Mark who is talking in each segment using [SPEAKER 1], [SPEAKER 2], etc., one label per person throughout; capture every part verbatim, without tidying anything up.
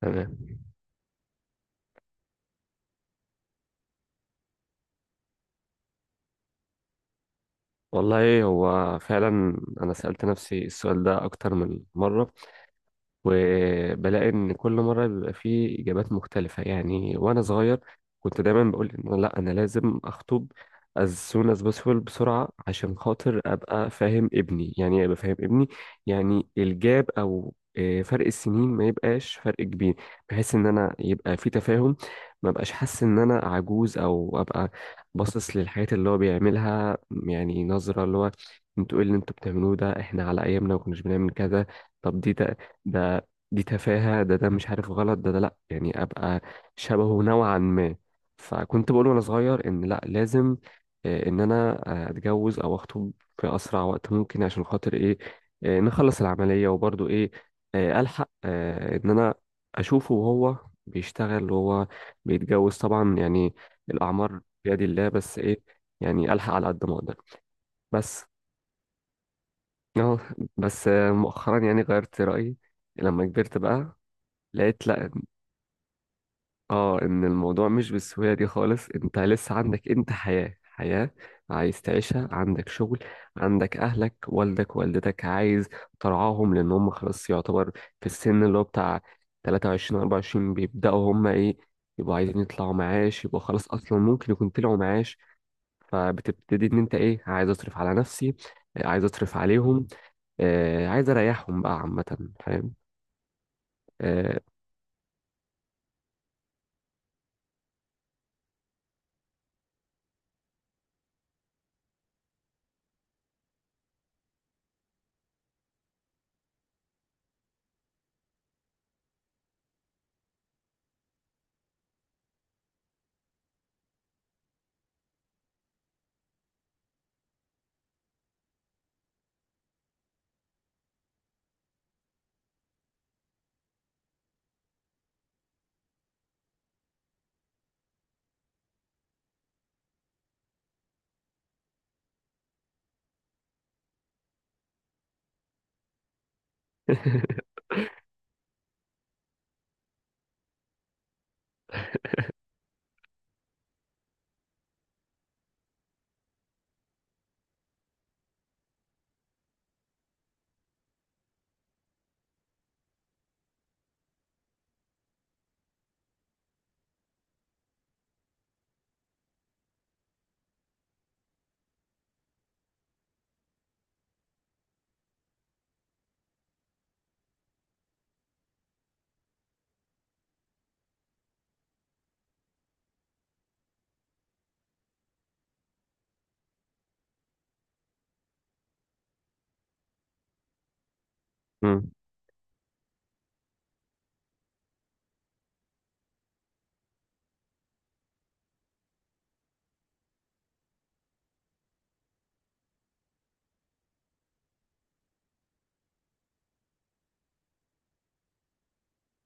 [SPEAKER 1] تمام. والله هو فعلا أنا سألت نفسي السؤال ده أكتر من مرة، وبلاقي ان كل مره بيبقى فيه اجابات مختلفه. يعني وانا صغير كنت دايما بقول ان لا، انا لازم اخطب as soon as possible، بسرعه، عشان خاطر ابقى فاهم ابني. يعني إيه ابقى فاهم ابني؟ يعني الجاب او آه، فرق السنين ما يبقاش فرق كبير، بحيث ان انا يبقى في تفاهم، ما بقاش حاسس ان انا عجوز، او ابقى باصص للحياة اللي هو بيعملها. يعني نظرة اللي هو: انتوا ايه اللي انتوا بتعملوه ده؟ احنا على ايامنا ما كناش بنعمل كذا. طب دي ده ده دي تفاهة ده ده مش عارف، غلط، ده ده لأ يعني أبقى شبهه نوعا ما. فكنت بقول وأنا صغير إن لأ، لازم، آه، إن أنا آه، أتجوز أو أخطب في أسرع وقت ممكن، عشان خاطر إيه؟ آه، نخلص العملية، وبرضه إيه؟ آه، ألحق آه، إن أنا أشوفه وهو بيشتغل وهو بيتجوز طبعا. يعني الأعمار بيد الله، بس إيه، يعني ألحق على قد ما أقدر. بس أه بس آه، مؤخرا يعني غيرت رأيي، لما كبرت بقى لقيت لا. اه ان الموضوع مش بالسهوله دي خالص. انت لسه عندك، انت حياه، حياه عايز تعيشها، عندك شغل، عندك اهلك، والدك والدتك عايز ترعاهم، لان هم خلاص يعتبر في السن اللي هو بتاع تلاتة وعشرين اربعة وعشرين، بيبداوا هم ايه؟ يبقوا عايزين يطلعوا معاش، يبقوا خلاص اصلا ممكن يكون طلعوا معاش. فبتبتدي ان انت ايه، عايز اصرف على نفسي، آه، عايز اصرف عليهم، آه، عايز اريحهم بقى عامه. فاهم؟ آه،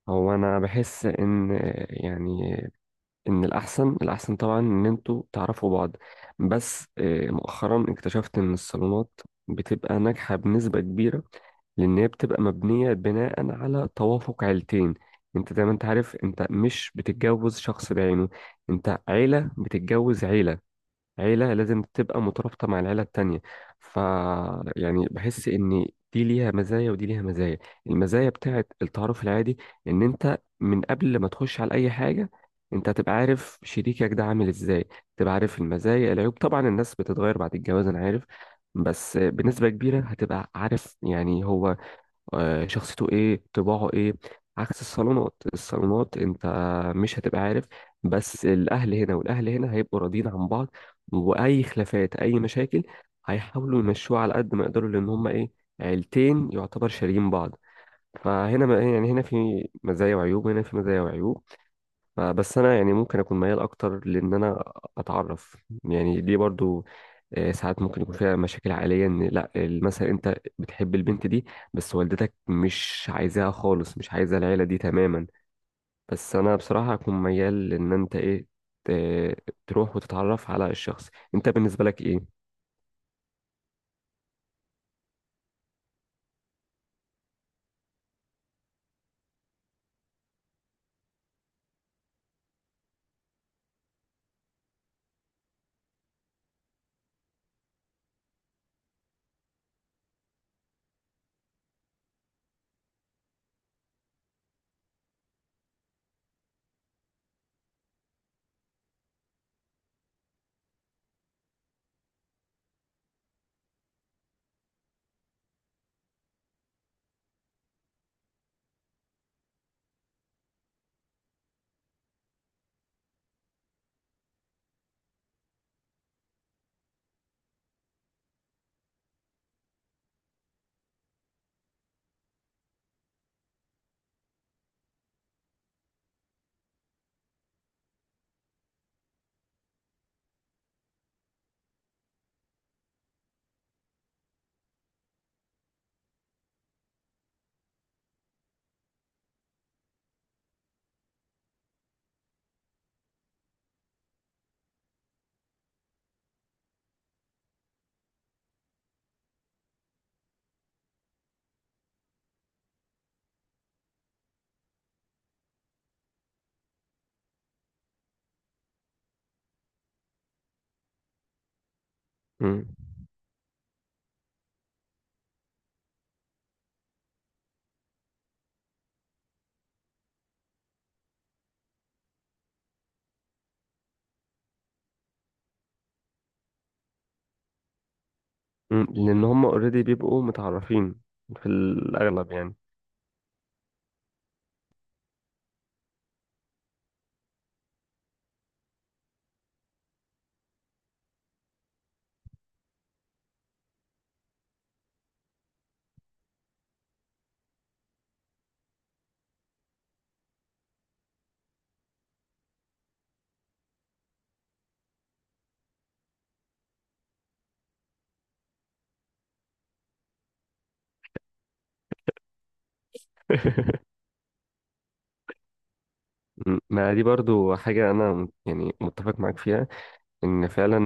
[SPEAKER 1] هو انا بحس ان، يعني، ان الاحسن، الاحسن طبعا ان انتوا تعرفوا بعض. بس آه، مؤخرا اكتشفت ان الصالونات بتبقى ناجحة بنسبة كبيرة، لان هي بتبقى مبنية بناء على توافق عيلتين. انت زي ما انت عارف، انت مش بتتجوز شخص بعينه، انت عيلة بتتجوز عيلة. عيلة لازم تبقى مترابطة مع العيلة التانية. ف يعني بحس إن دي ليها مزايا ودي ليها مزايا. المزايا بتاعت التعارف العادي إن أنت من قبل ما تخش على أي حاجة، أنت هتبقى عارف شريكك ده عامل إزاي، تبقى عارف المزايا، العيوب. طبعا الناس بتتغير بعد الجواز، أنا عارف، بس بنسبة كبيرة هتبقى عارف يعني هو آه، شخصيته ايه، طباعه ايه. عكس الصالونات، الصالونات انت مش هتبقى عارف، بس الاهل هنا والاهل هنا هيبقوا راضيين عن بعض، واي خلافات، اي مشاكل، هيحاولوا يمشوها على قد ما يقدروا، لان هما ايه، عيلتين يعتبر شاريين بعض. فهنا ما- يعني هنا في مزايا وعيوب، وهنا في مزايا وعيوب. ف- بس انا يعني ممكن اكون ميال اكتر لان انا اتعرف. يعني دي برضو آه، ساعات ممكن يكون فيها مشاكل عائليه، ان لا مثلا انت بتحب البنت دي بس والدتك مش عايزاها خالص، مش عايزه العيله دي تماما. بس انا بصراحه اكون ميال لان انت ايه، ت- تروح وتتعرف على الشخص. انت بالنسبه لك ايه؟ مم. مم. لان هم اوريدي بيبقوا متعرفين في الاغلب يعني. مم. ما دي برضو حاجه انا يعني متفق معاك فيها، ان فعلا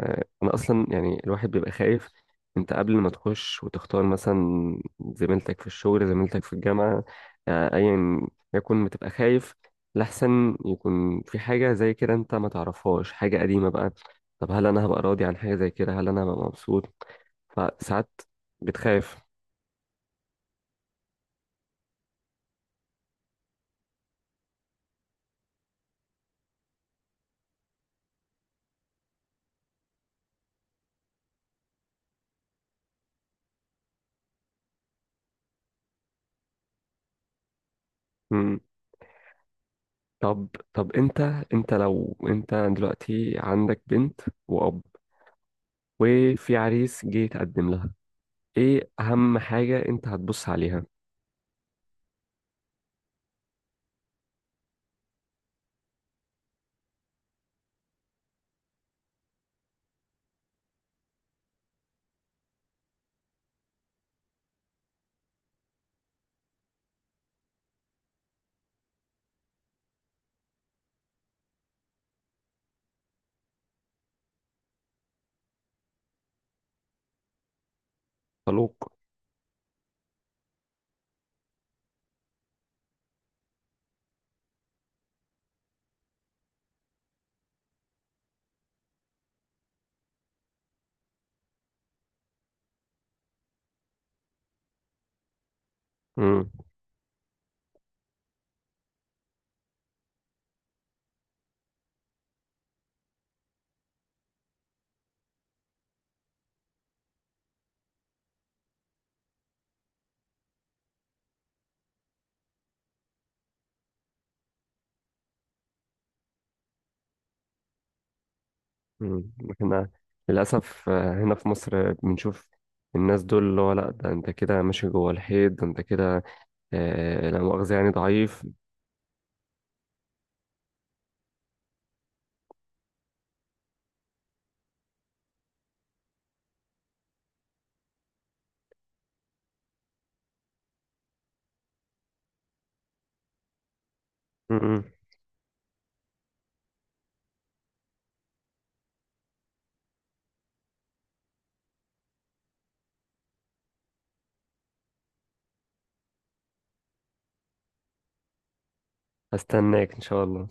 [SPEAKER 1] آه، انا اصلا يعني الواحد بيبقى خايف، انت قبل ما تخش وتختار مثلا زميلتك في الشغل، زميلتك في الجامعة، آه، ايا يكن، بتبقى خايف لحسن يكون في حاجة زي كده انت ما تعرفهاش، حاجة قديمة بقى. طب هل انا هبقى راضي عن حاجة زي كده؟ هل انا هبقى مبسوط؟ فساعات بتخاف. مم. طب طب انت انت لو انت دلوقتي عندك بنت واب وفي عريس جه يتقدم لها، ايه اهم حاجة انت هتبص عليها؟ خلوق. مم. مم. احنا للأسف آه، هنا في مصر بنشوف الناس دول اللي هو لا، ده انت كده ماشي جوه الحيط، ده انت كده آه، لا مؤاخذة يعني ضعيف. مم. هستناك ان شاء الله.